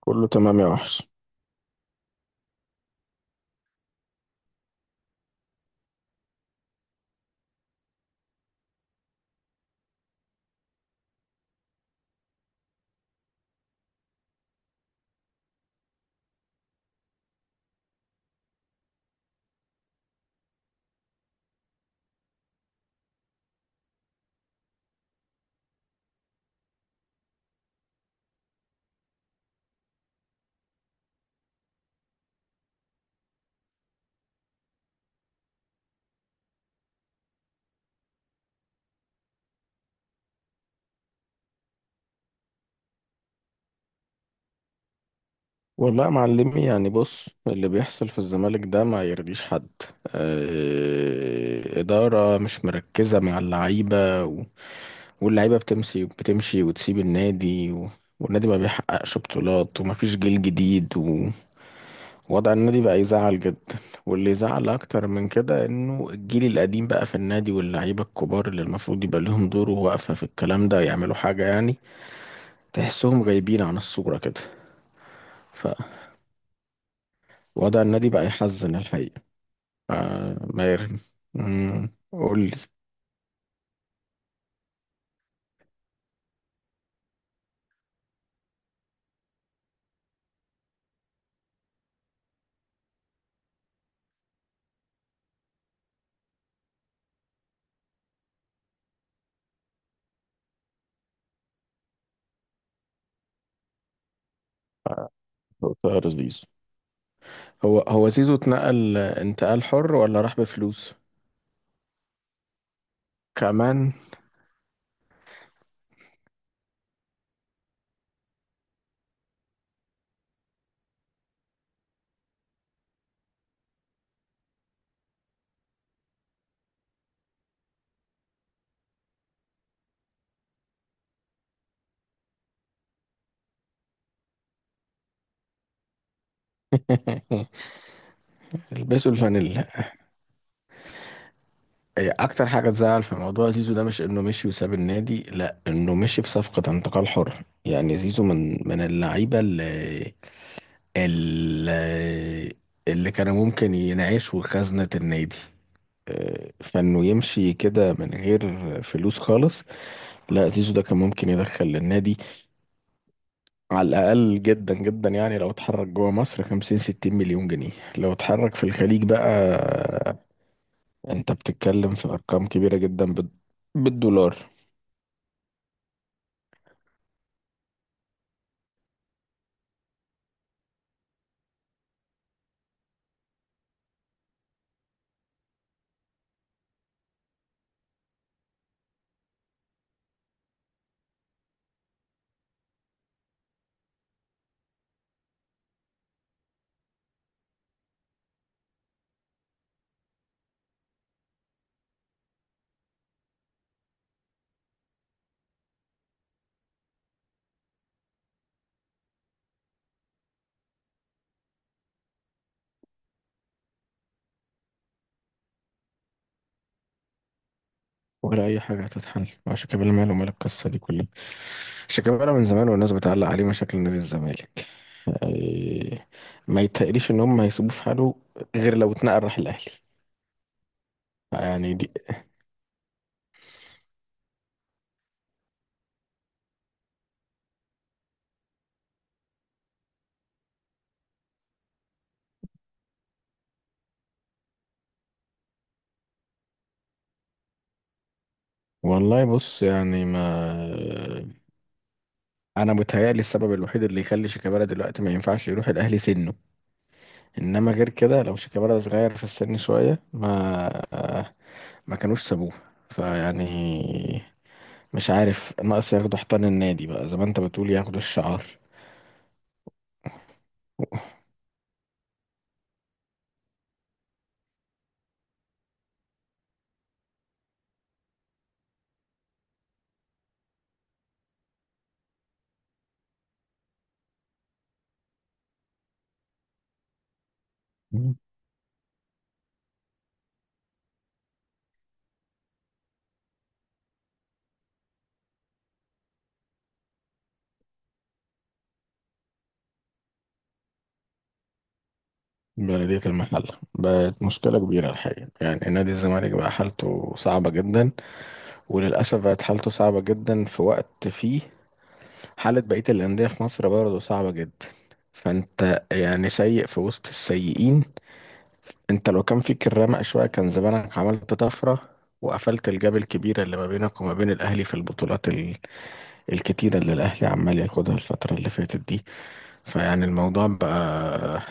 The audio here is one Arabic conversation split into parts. كله تمام يا وحش. والله يا معلمي، يعني بص، اللي بيحصل في الزمالك ده ما يرضيش حد. إدارة مش مركزة مع اللعيبة واللعيبة بتمشي وتسيب النادي والنادي ما بيحققش بطولات ومفيش جيل جديد ووضع النادي بقى يزعل جدا. واللي يزعل أكتر من كده إنه الجيل القديم بقى في النادي، واللعيبة الكبار اللي المفروض يبقى لهم دور وواقفة في الكلام ده يعملوا حاجة يعني، تحسهم غايبين عن الصورة كده. وضع النادي بقى يحزن الحقيقة. آه ميرن. مم، قول لي. طاهر الزيزو. هو زيزو اتنقل انتقال حر ولا راح بفلوس كمان؟ البسوا الفانيلا. هي اكتر حاجة تزعل في موضوع زيزو ده مش انه مشي وساب النادي، لا، انه مشي في صفقة انتقال حر. يعني زيزو من اللعيبة اللي اللي كانوا ممكن ينعيشوا خزنة النادي. فانه يمشي كده من غير فلوس خالص، لا، زيزو ده كان ممكن يدخل للنادي على الأقل جدا جدا يعني لو اتحرك جوه مصر 50 60 مليون جنيه. لو اتحرك في الخليج بقى، انت بتتكلم في أرقام كبيرة جدا بالدولار. ولا أي حاجة هتتحل مع شيكابالا. ماله مال القصة دي كلها؟ شيكابالا من زمان والناس بتعلق عليه مشاكل نادي الزمالك. إيه، ما يتقريش إن هم هيسيبوه في حاله غير لو اتنقل راح الأهلي. يعني دي، والله بص، يعني ما انا متهيألي السبب الوحيد اللي يخلي شيكابالا دلوقتي ما ينفعش يروح الاهلي سنه، انما غير كده لو شيكابالا صغير في السن شويه ما كانوش سابوه. فيعني مش عارف، ناقص ياخدوا حيطان النادي بقى زي ما انت بتقول، ياخدوا الشعار. مم. بلدية المحل بقت مشكلة كبيرة الحقيقة. يعني نادي الزمالك بقى حالته صعبة جدا، وللأسف بقت حالته صعبة جدا في وقت فيه حالة بقية الأندية في مصر برضه صعبة جدا. فأنت يعني سيء في وسط السيئين. انت لو كان فيك الرمق شوية كان زمانك عملت طفرة وقفلت الجاب الكبيرة اللي ما بينك وما بين الأهلي في الكتيرة اللي الأهلي عمال ياخدها الفترة اللي فاتت دي. فيعني الموضوع بقى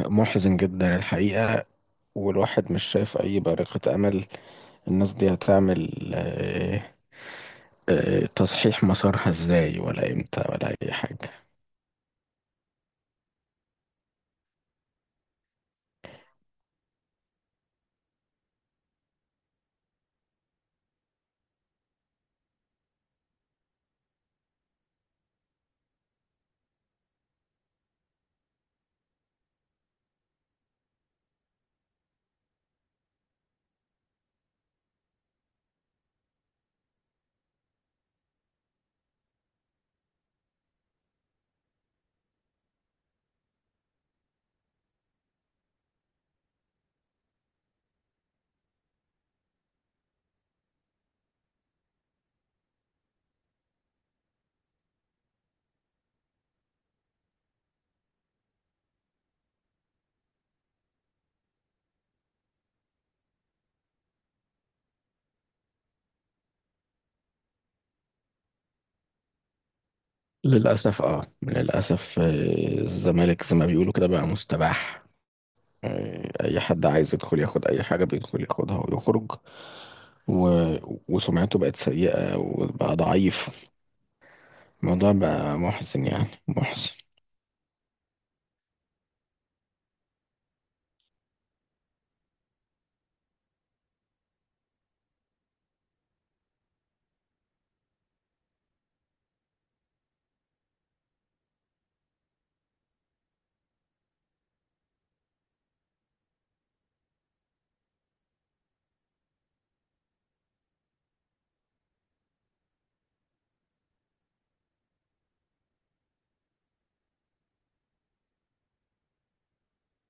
محزن جدا الحقيقة، والواحد مش شايف أي بارقة أمل. الناس دي هتعمل تصحيح مسارها ازاي ولا امتى ولا أي حاجة؟ للأسف اه، للأسف، الزمالك زي ما بيقولوا كده بقى مستباح. أي حد عايز يدخل ياخد أي حاجة بيدخل ياخدها ويخرج و... وسمعته بقت سيئة وبقى ضعيف. الموضوع بقى محزن يعني محزن.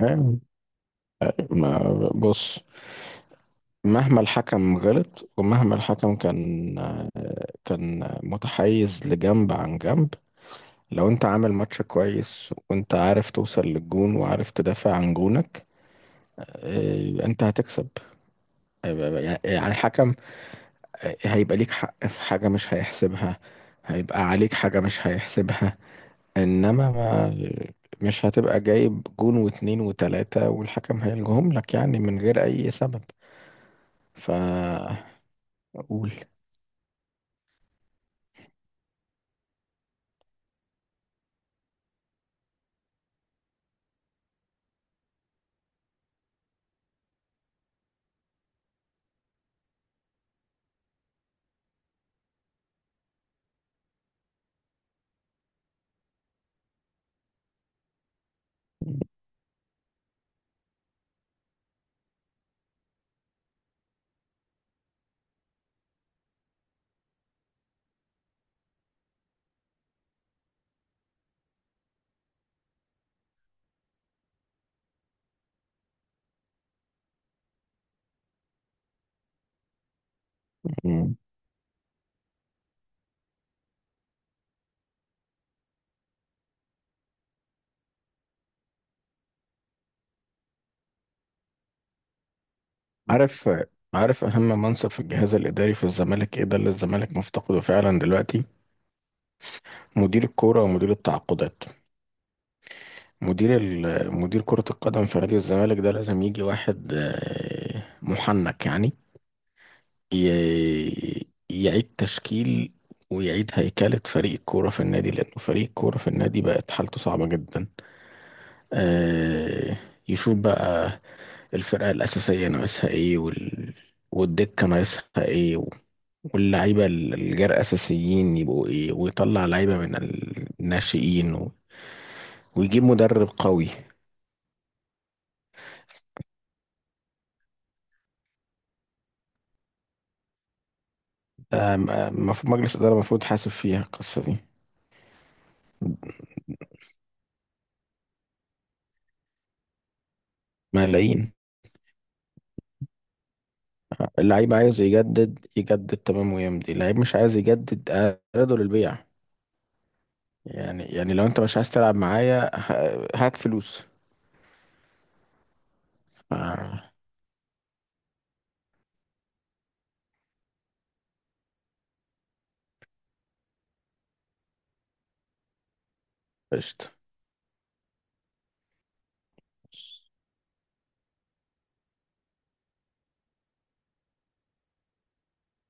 يعني ما بص مهما الحكم غلط ومهما الحكم كان متحيز لجنب عن جنب، لو انت عامل ماتش كويس وانت عارف توصل للجون وعارف تدافع عن جونك، اه، انت هتكسب. آه، يعني الحكم هيبقى ليك حق في حاجة مش هيحسبها، هيبقى عليك حاجة مش هيحسبها، انما ما مش هتبقى جايب جون واتنين وتلاتة والحكم هيلجهم لك يعني من غير اي سبب. فأقول، عارف عارف اهم منصب في الجهاز الاداري في الزمالك ايه، ده اللي الزمالك مفتقده فعلا دلوقتي؟ مدير الكوره ومدير التعاقدات. مدير كره القدم في نادي الزمالك ده لازم يجي واحد محنك يعني، يعيد تشكيل ويعيد هيكلة فريق الكورة في النادي، لأنه فريق الكورة في النادي بقت حالته صعبة جدا. آه، يشوف بقى الفرقة الأساسية ناقصها إيه، والدكة ناقصها إيه، واللعيبة ال- الجرأة أساسيين يبقوا إيه، ويطلع لعيبة من الناشئين ويجيب مدرب قوي. المفروض مجلس إدارة المفروض حاسب فيها القصة دي. ملايين. اللعيب عايز يجدد، يجدد تمام ويمضي. اللعيب مش عايز يجدد، أعرضه للبيع. يعني لو انت مش عايز تلعب معايا، هات فلوس. آه، قشطة.